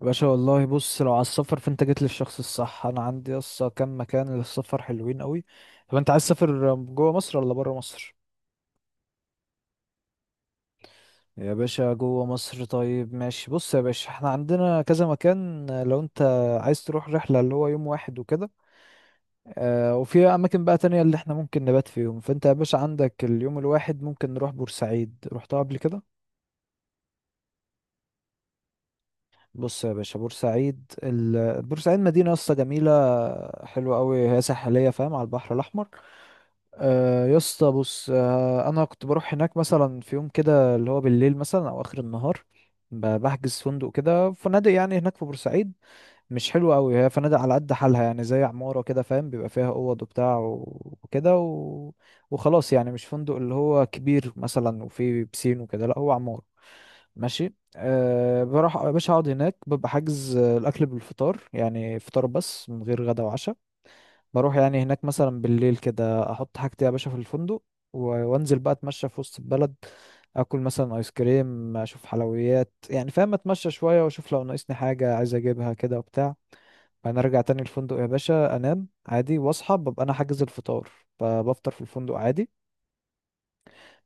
باشا، والله بص، لو على السفر فانت جيت للشخص الصح. انا عندي يسطا كام مكان للسفر حلوين قوي. طب انت عايز تسافر جوه مصر ولا بره مصر؟ يا باشا جوه مصر، طيب ماشي. بص يا باشا، احنا عندنا كذا مكان. لو انت عايز تروح رحلة اللي هو يوم واحد وكده، اه، وفي اماكن بقى تانية اللي احنا ممكن نبات فيهم. فانت يا باشا عندك اليوم الواحد ممكن نروح بورسعيد. رحتها قبل كده؟ بص يا باشا، بورسعيد بورسعيد مدينة قصة جميلة، حلوة قوي، هي ساحلية، فاهم، على البحر الأحمر. يا اسطى بص، أنا كنت بروح هناك مثلا في يوم كده اللي هو بالليل مثلا أو آخر النهار. بحجز فندق كده، فنادق يعني هناك في بورسعيد، مش حلوة قوي هي، فنادق على قد حالها يعني، زي عمارة كده فاهم، بيبقى فيها أوض وبتاع وكده وخلاص يعني، مش فندق اللي هو كبير مثلا وفيه بسين وكده، لا هو عمارة. ماشي، أه بروح يا باشا اقعد هناك، ببقى حاجز الاكل بالفطار، يعني فطار بس من غير غدا وعشاء. بروح يعني هناك مثلا بالليل كده، احط حاجتي يا باشا في الفندق وانزل بقى اتمشى في وسط البلد، اكل مثلا ايس كريم، اشوف حلويات يعني فاهم، اتمشى شويه واشوف لو ناقصني حاجه عايز اجيبها كده وبتاع. بعدين ارجع تاني الفندق يا باشا، انام عادي واصحى، ببقى انا حاجز الفطار فبفطر في الفندق عادي.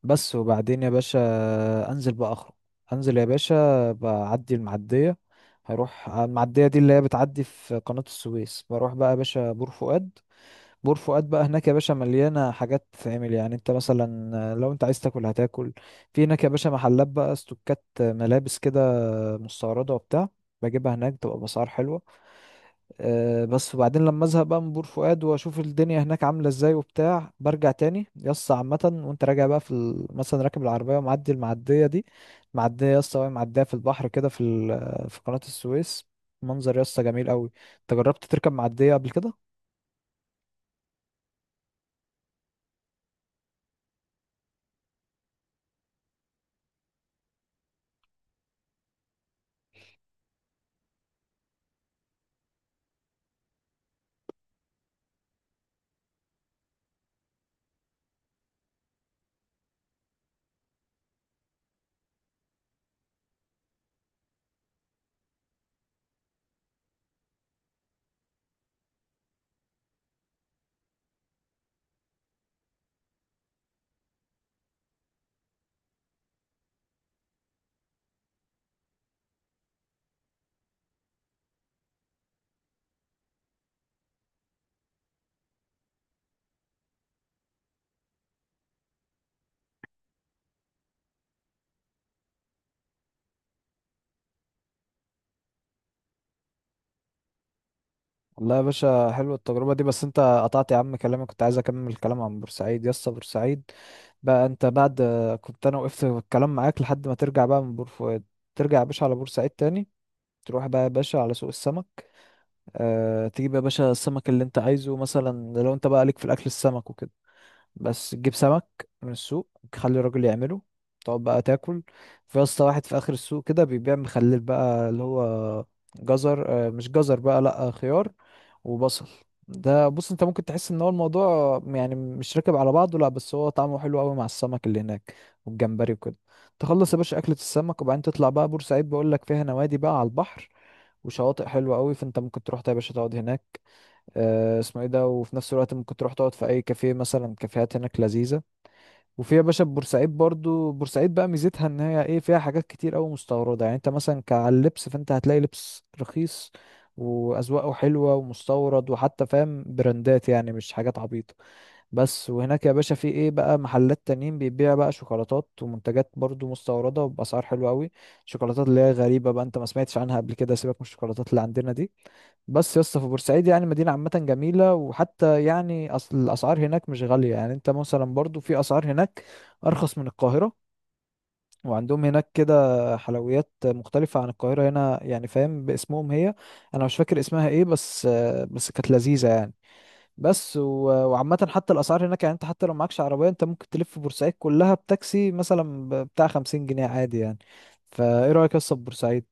بس وبعدين يا باشا انزل بقى اخرج، انزل يا باشا بعدي المعدية. هروح المعدية دي اللي هي بتعدي في قناة السويس، بروح بقى يا باشا بور فؤاد. بور فؤاد بقى هناك يا باشا مليانة حاجات تتعمل، يعني انت مثلا لو انت عايز تاكل هتاكل، في هناك يا باشا محلات بقى استوكات ملابس كده مستوردة وبتاع، بجيبها هناك تبقى بأسعار حلوة. بس وبعدين لما ازهق بقى من بور فؤاد واشوف الدنيا هناك عامله ازاي وبتاع، برجع تاني يسطا عامه. وانت راجع بقى في مثلا راكب العربيه ومعدي المعديه دي، معديه يسطا، وهي معديه في البحر كده في في قناه السويس، منظر يسطا جميل قوي. انت جربت تركب معديه قبل كده؟ والله يا باشا حلوة التجربة دي. بس انت قطعت يا عم كلامي، كنت عايز اكمل الكلام عن بورسعيد. يسطا بورسعيد بقى، انت بعد، كنت انا وقفت الكلام معاك لحد ما ترجع بقى من بور فؤاد. ترجع يا باشا على بورسعيد تاني، تروح بقى يا باشا على سوق السمك. أه، تجيب يا باشا السمك اللي انت عايزه، مثلا لو انت بقى ليك في الاكل السمك وكده بس، تجيب سمك من السوق، تخلي الراجل يعمله، تقعد بقى تاكل. في يا اسطى واحد في اخر السوق كده بيبيع مخلل بقى، اللي هو جزر، مش جزر بقى لا، خيار وبصل. ده بص انت ممكن تحس ان هو الموضوع يعني مش راكب على بعضه، لا بس هو طعمه حلو قوي مع السمك اللي هناك والجمبري وكده. تخلص يا باشا اكلة السمك وبعدين تطلع بقى بورسعيد. بقول لك فيها نوادي بقى على البحر وشواطئ حلوة قوي، فانت ممكن تروح يا باشا تقعد هناك. اسمه ايه ده، وفي نفس الوقت ممكن تروح تقعد في اي كافيه، مثلا كافيهات هناك لذيذه. وفي يا باشا بورسعيد برضو، بورسعيد بقى ميزتها ان هي ايه، فيها حاجات كتير قوي مستورده، يعني انت مثلا كعلى اللبس فانت هتلاقي لبس رخيص واذواقه حلوه ومستورد، وحتى فاهم براندات يعني، مش حاجات عبيطه. بس، وهناك يا باشا في ايه بقى، محلات تانيين بيبيع بقى شوكولاتات ومنتجات برضو مستوردة وبأسعار حلوة قوي، شوكولاتات اللي هي غريبة بقى انت ما سمعتش عنها قبل كده، سيبك من الشوكولاتات اللي عندنا دي. بس يا اسطى، في بورسعيد يعني مدينة عامة جميلة، وحتى يعني أصل الأسعار هناك مش غالية، يعني انت مثلا برضو في أسعار هناك أرخص من القاهرة. وعندهم هناك كده حلويات مختلفة عن القاهرة هنا يعني، فاهم، باسمهم هي، أنا مش فاكر اسمها ايه، بس كانت لذيذة يعني. بس، وعامة حتى الأسعار هناك يعني، أنت حتى لو معكش عربية أنت ممكن تلف بورسعيد كلها بتاكسي مثلا بتاع 50 جنيه عادي يعني. فإيه رأيك أصلا بورسعيد؟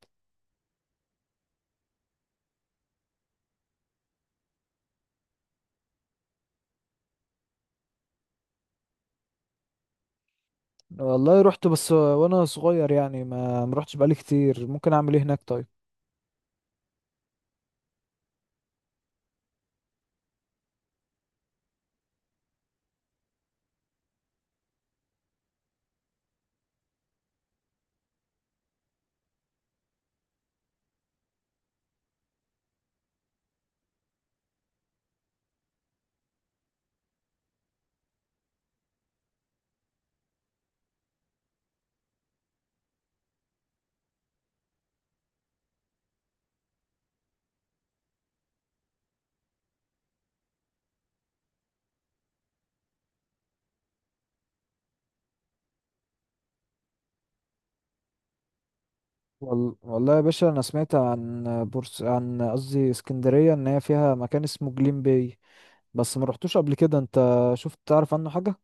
والله رحت، بس وأنا صغير يعني، ما رحتش بقالي كتير. ممكن أعمل إيه هناك طيب؟ والله يا باشا، أنا سمعت عن بورس، عن قصدي اسكندرية، إن هي فيها مكان اسمه جليم باي، بس ما رحتوش قبل كده. أنت شفت، تعرف عنه حاجة؟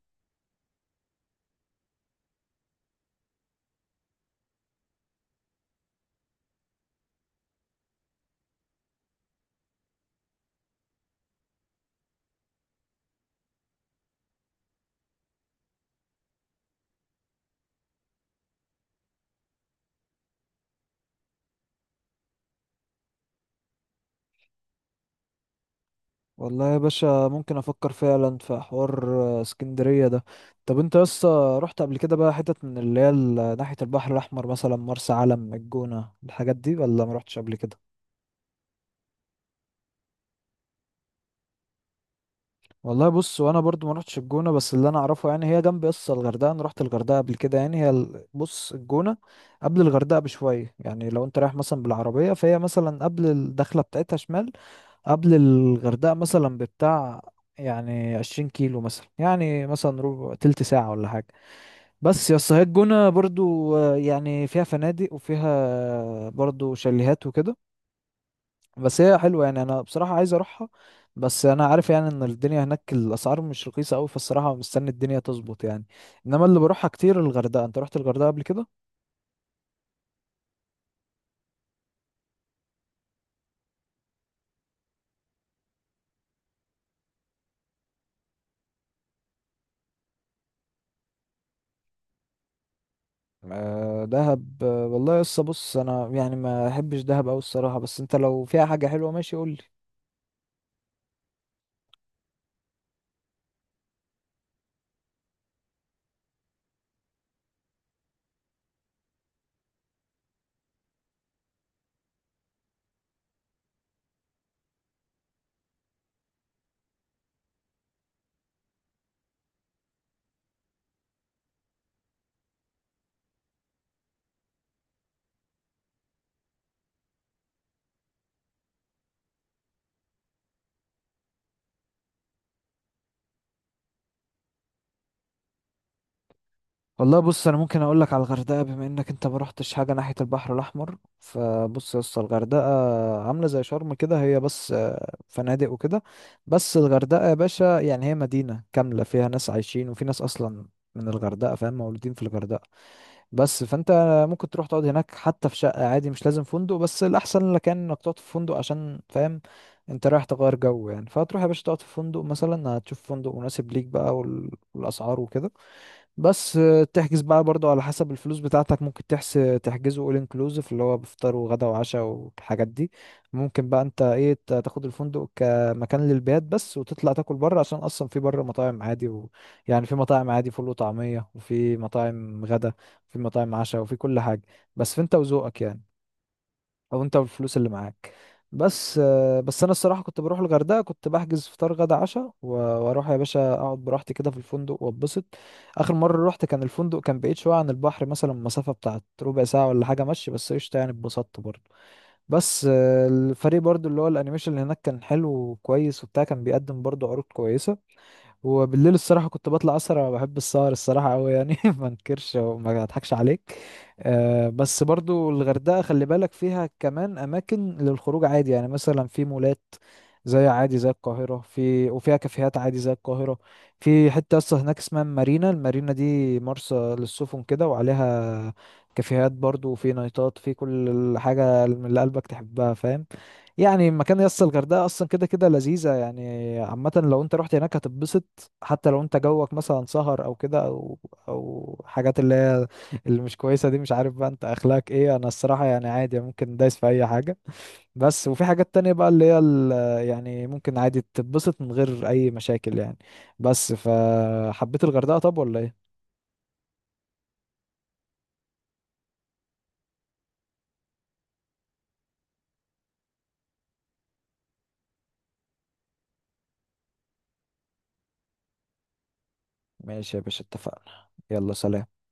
والله يا باشا ممكن افكر فعلا في حوار اسكندريه ده. طب انت لسه رحت قبل كده بقى حتت من اللي هي ناحيه البحر الاحمر، مثلا مرسى علم، الجونه، الحاجات دي، ولا ما رحتش قبل كده؟ والله بص، وانا برضو ما رحتش الجونه، بس اللي انا اعرفه يعني هي جنب لسه الغردقه. انا رحت الغردقه قبل كده. يعني هي بص، الجونه قبل الغردقه بشويه، يعني لو انت رايح مثلا بالعربيه فهي مثلا قبل الدخله بتاعتها شمال، قبل الغردقه مثلا بتاع يعني 20 كيلو مثلا، يعني مثلا ربع تلت ساعة ولا حاجة. بس يا اسطى، هي الجونة برضو يعني فيها فنادق وفيها برضو شاليهات وكده، بس هي حلوة يعني، انا بصراحة عايز اروحها، بس انا عارف يعني ان الدنيا هناك الاسعار مش رخيصة قوي، فالصراحة مستني الدنيا تظبط يعني. انما اللي بروحها كتير الغردقة. انت رحت الغردقة قبل كده؟ آه، دهب، والله يا اسطى بص، انا يعني ما احبش دهب قوي الصراحة. بس انت لو فيها حاجة حلوة ماشي قول لي. والله بص، انا ممكن اقول لك على الغردقه، بما انك انت ما رحتش حاجه ناحيه البحر الاحمر. فبص يا اسطى، الغردقه عامله زي شرم كده، هي بس فنادق وكده. بس الغردقه يا باشا يعني هي مدينه كامله فيها ناس عايشين، وفي ناس اصلا من الغردقه، فاهم، مولودين في الغردقه. بس فانت ممكن تروح تقعد هناك حتى في شقه عادي، مش لازم فندق، بس الاحسن لك يعني انك تقعد في فندق، عشان فاهم انت رايح تغير جو يعني. فهتروح يا باشا تقعد في فندق مثلا، هتشوف فندق مناسب ليك بقى والاسعار وكده. بس تحجز بقى برضو على حسب الفلوس بتاعتك، ممكن تحس تحجزه all inclusive اللي هو بفطار وغدا وعشاء والحاجات دي، ممكن بقى انت ايه تاخد الفندق كمكان للبيات بس، وتطلع تاكل بره، عشان اصلا في بره مطاعم عادي يعني في مطاعم عادي فول وطعمية، وفي مطاعم غدا وفي مطاعم عشاء وفي كل حاجة، بس في انت وذوقك يعني، او انت بالفلوس اللي معاك. بس بس انا الصراحه كنت بروح الغردقه كنت بحجز فطار غدا عشاء واروح يا باشا اقعد براحتي كده في الفندق واتبسط. اخر مره رحت كان الفندق كان بعيد شويه عن البحر، مثلا مسافه بتاعت ربع ساعه ولا حاجه مشي، بس قشطه يعني اتبسطت برضه. بس الفريق برضه اللي هو الانيميشن اللي هناك كان حلو وكويس وبتاع، كان بيقدم برضه عروض كويسه. وبالليل الصراحة كنت بطلع أسهر، أنا بحب السهر الصراحة أوي يعني. ما انكرش وما اضحكش عليك. أه، بس برضو الغردقة خلي بالك فيها كمان أماكن للخروج عادي يعني، مثلا في مولات زي عادي زي القاهرة، في وفيها كافيهات عادي زي القاهرة. في حتة أصلا هناك اسمها مارينا، المارينا دي مرسى للسفن كده، وعليها كافيهات برضو، وفي نايتات، في كل حاجة اللي قلبك تحبها فاهم يعني. مكان، يس الغردقة أصلا كده كده لذيذة يعني، عامة لو أنت رحت هناك هتتبسط، حتى لو انت جوك مثلا سهر او كده او او حاجات اللي هي اللي مش كويسه دي. مش عارف بقى انت اخلاقك ايه، انا الصراحه يعني عادي ممكن دايس في اي حاجه. بس وفي حاجات تانية بقى اللي هي يعني ممكن عادي تتبسط من غير اي مشاكل يعني. بس فحبيت الغردقه، طب ولا ايه؟ ماشي يا باشا، اتفقنا. يلا سلام.